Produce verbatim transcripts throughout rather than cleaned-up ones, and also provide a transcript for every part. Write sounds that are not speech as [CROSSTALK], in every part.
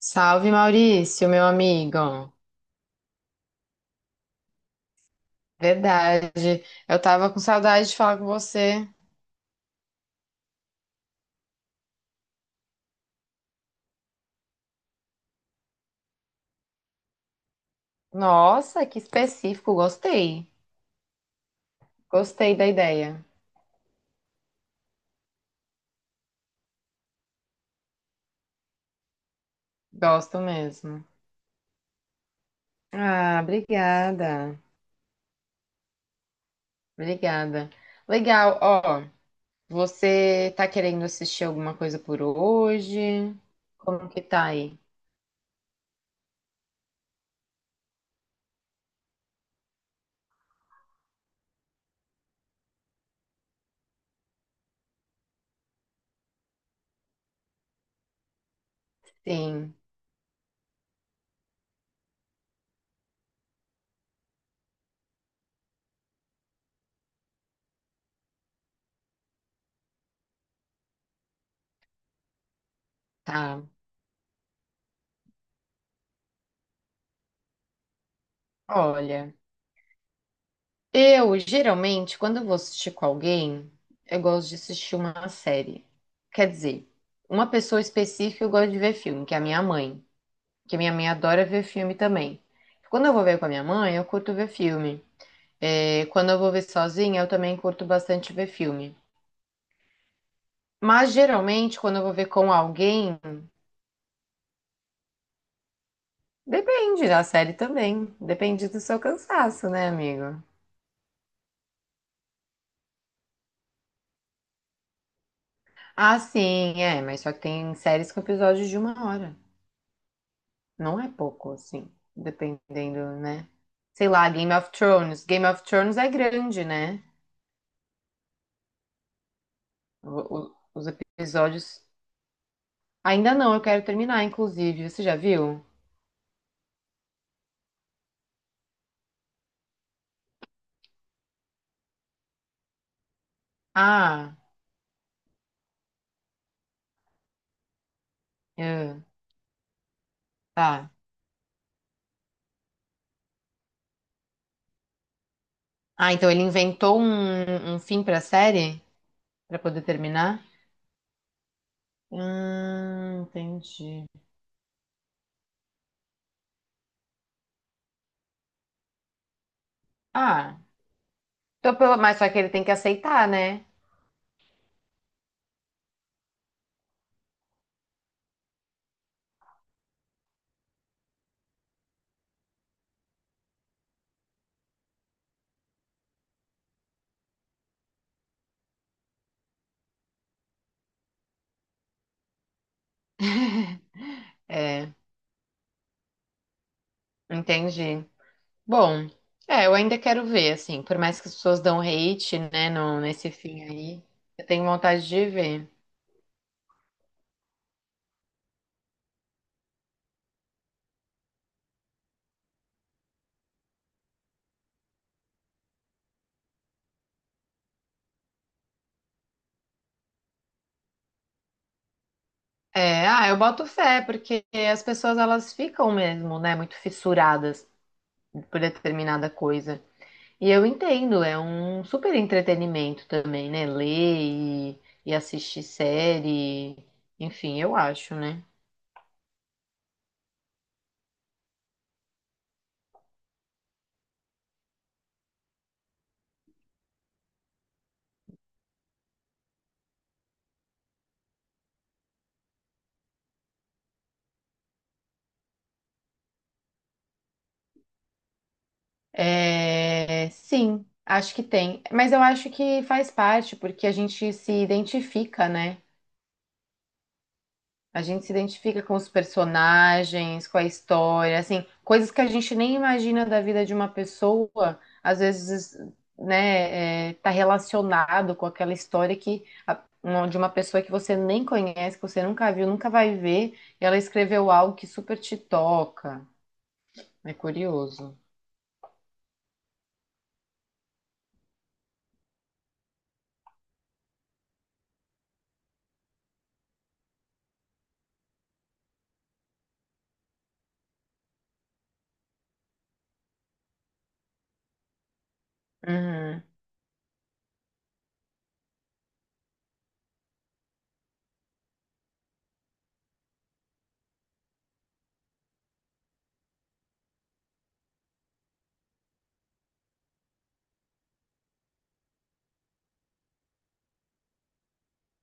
Salve Maurício, meu amigo. Verdade. Eu tava com saudade de falar com você. Nossa, que específico. Gostei. Gostei da ideia. Gosto mesmo. Ah, obrigada. Obrigada. Legal. Ó, você tá querendo assistir alguma coisa por hoje? Como que tá aí? Sim, tá. Olha, eu, geralmente, quando eu vou assistir com alguém, eu gosto de assistir uma série. Quer dizer, uma pessoa específica eu gosto de ver filme, que é a minha mãe. Que minha mãe adora ver filme também. Quando eu vou ver com a minha mãe, eu curto ver filme. É, quando eu vou ver sozinha, eu também curto bastante ver filme. Mas geralmente, quando eu vou ver com alguém, depende da série também. Depende do seu cansaço, né, amigo? Ah, sim, é, mas só que tem séries com episódios de uma hora. Não é pouco, assim, dependendo, né? Sei lá, Game of Thrones. Game of Thrones é grande, né? O- o- os episódios. Ainda não, eu quero terminar, inclusive. Você já viu? Ah, é, tá. Ah, então ele inventou um, um fim pra série? Pra poder terminar? Hum, entendi. Ah, então pelo... mas só que ele tem que aceitar, né? É, entendi. Bom, é, eu ainda quero ver, assim, por mais que as pessoas dão hate, né, no, nesse fim aí, eu tenho vontade de ver. É, ah, eu boto fé, porque as pessoas, elas ficam mesmo, né, muito fissuradas por determinada coisa. E eu entendo, é um super entretenimento também, né, ler e, e assistir série, enfim, eu acho, né. É, sim, acho que tem, mas eu acho que faz parte, porque a gente se identifica, né. A gente se identifica com os personagens, com a história, assim, coisas que a gente nem imagina da vida de uma pessoa, às vezes, né, é, tá relacionado com aquela história que a- uma- de uma pessoa que você nem conhece, que você nunca viu, nunca vai ver, e ela escreveu algo que super te toca. É curioso. Uhum,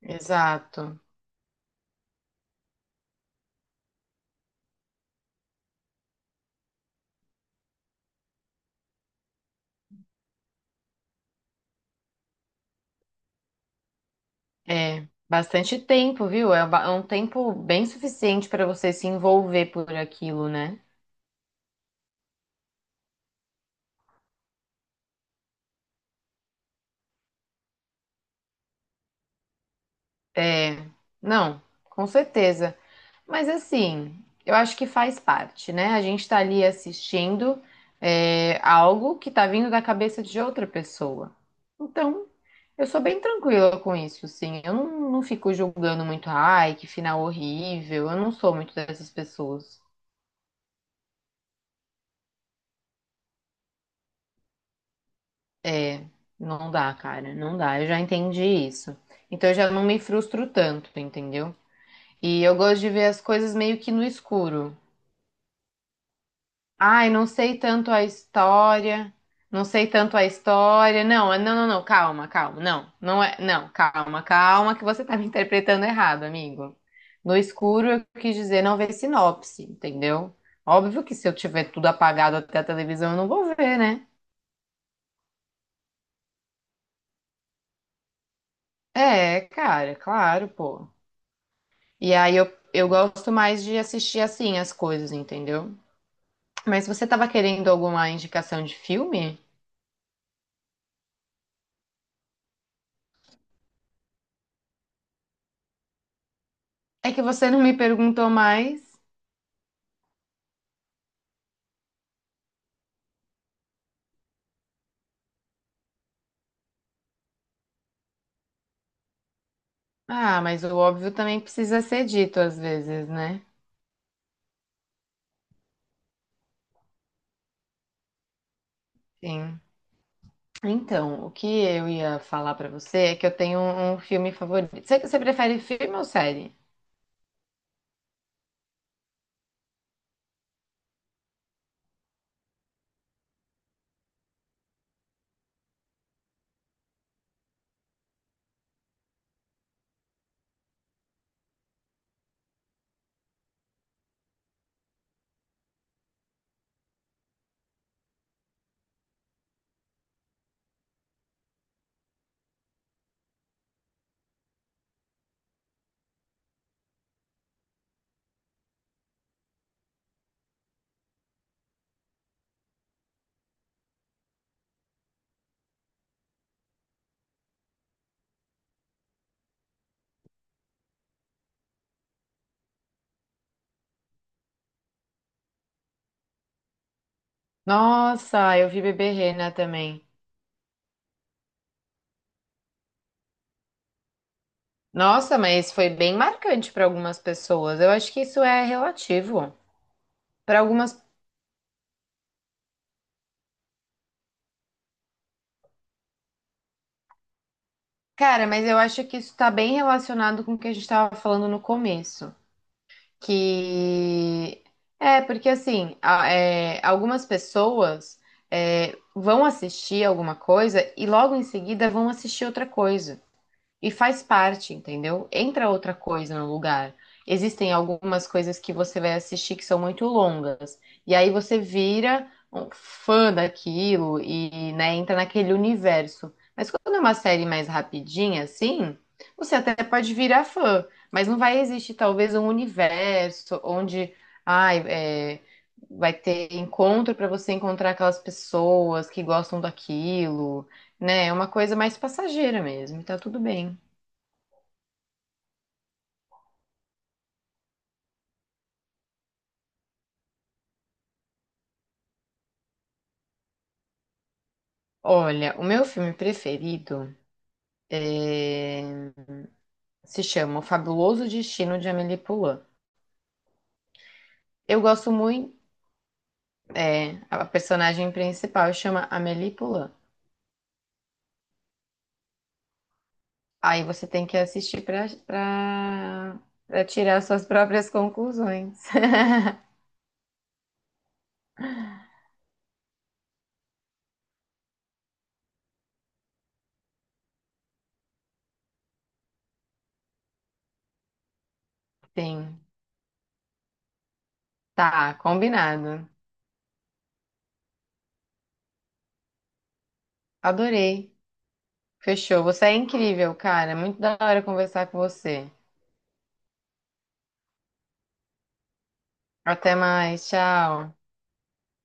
exato. É. Bastante tempo, viu? É ba- é um tempo bem suficiente para você se envolver por aquilo, né? É, não, com certeza. Mas assim, eu acho que faz parte, né? A gente tá ali assistindo é, algo que tá vindo da cabeça de outra pessoa. Então, eu sou bem tranquila com isso, sim. Eu não, Não fico julgando muito, ai, que final horrível. Eu não sou muito dessas pessoas. É, não dá, cara, não dá. Eu já entendi isso. Então, eu já não me frustro tanto, entendeu? E eu gosto de ver as coisas meio que no escuro. Ai, não sei tanto a história. Não sei tanto a história. Não, não, não, não, calma, calma. Não, não é, não, calma, calma, que você tá me interpretando errado, amigo. No escuro eu quis dizer não ver sinopse, entendeu? Óbvio que se eu tiver tudo apagado até a televisão, eu não vou ver, né? É, cara, claro, pô. E aí eu, eu gosto mais de assistir assim as coisas, entendeu? Mas você tava querendo alguma indicação de filme? É que você não me perguntou mais. Ah, mas o óbvio também precisa ser dito às vezes, né? Sim. Então, o que eu ia falar pra você é que eu tenho um um filme favorito. Você, você prefere filme ou série? Nossa, eu vi Bebê Rena também. Nossa, mas foi bem marcante pra algumas pessoas. Eu acho que isso é relativo. Pra algumas, cara, mas eu acho que isso tá bem relacionado com o que a gente tava falando no começo. Que é porque assim a- é, algumas pessoas é, vão assistir alguma coisa e logo em seguida vão assistir outra coisa. E faz parte, entendeu? Entra outra coisa no lugar. Existem algumas coisas que você vai assistir que são muito longas. E aí você vira um fã daquilo e, né, entra naquele universo. Mas quando é uma série mais rapidinha, assim, você até pode virar fã. Mas não vai existir, talvez, um universo onde, ai, é, vai ter encontro para você encontrar aquelas pessoas que gostam daquilo, né? É uma coisa mais passageira mesmo, e tá tudo bem. Olha, o meu filme preferido eh, se chama O Fabuloso Destino de Amélie Poulain. Eu gosto muito, é, a personagem principal chama Amélie Poulain. Aí você tem que assistir para para para tirar suas próprias conclusões. [LAUGHS] Sim, tá, combinado. Adorei. Fechou. Você é incrível, cara. Muito da hora conversar com você. Até mais, tchau.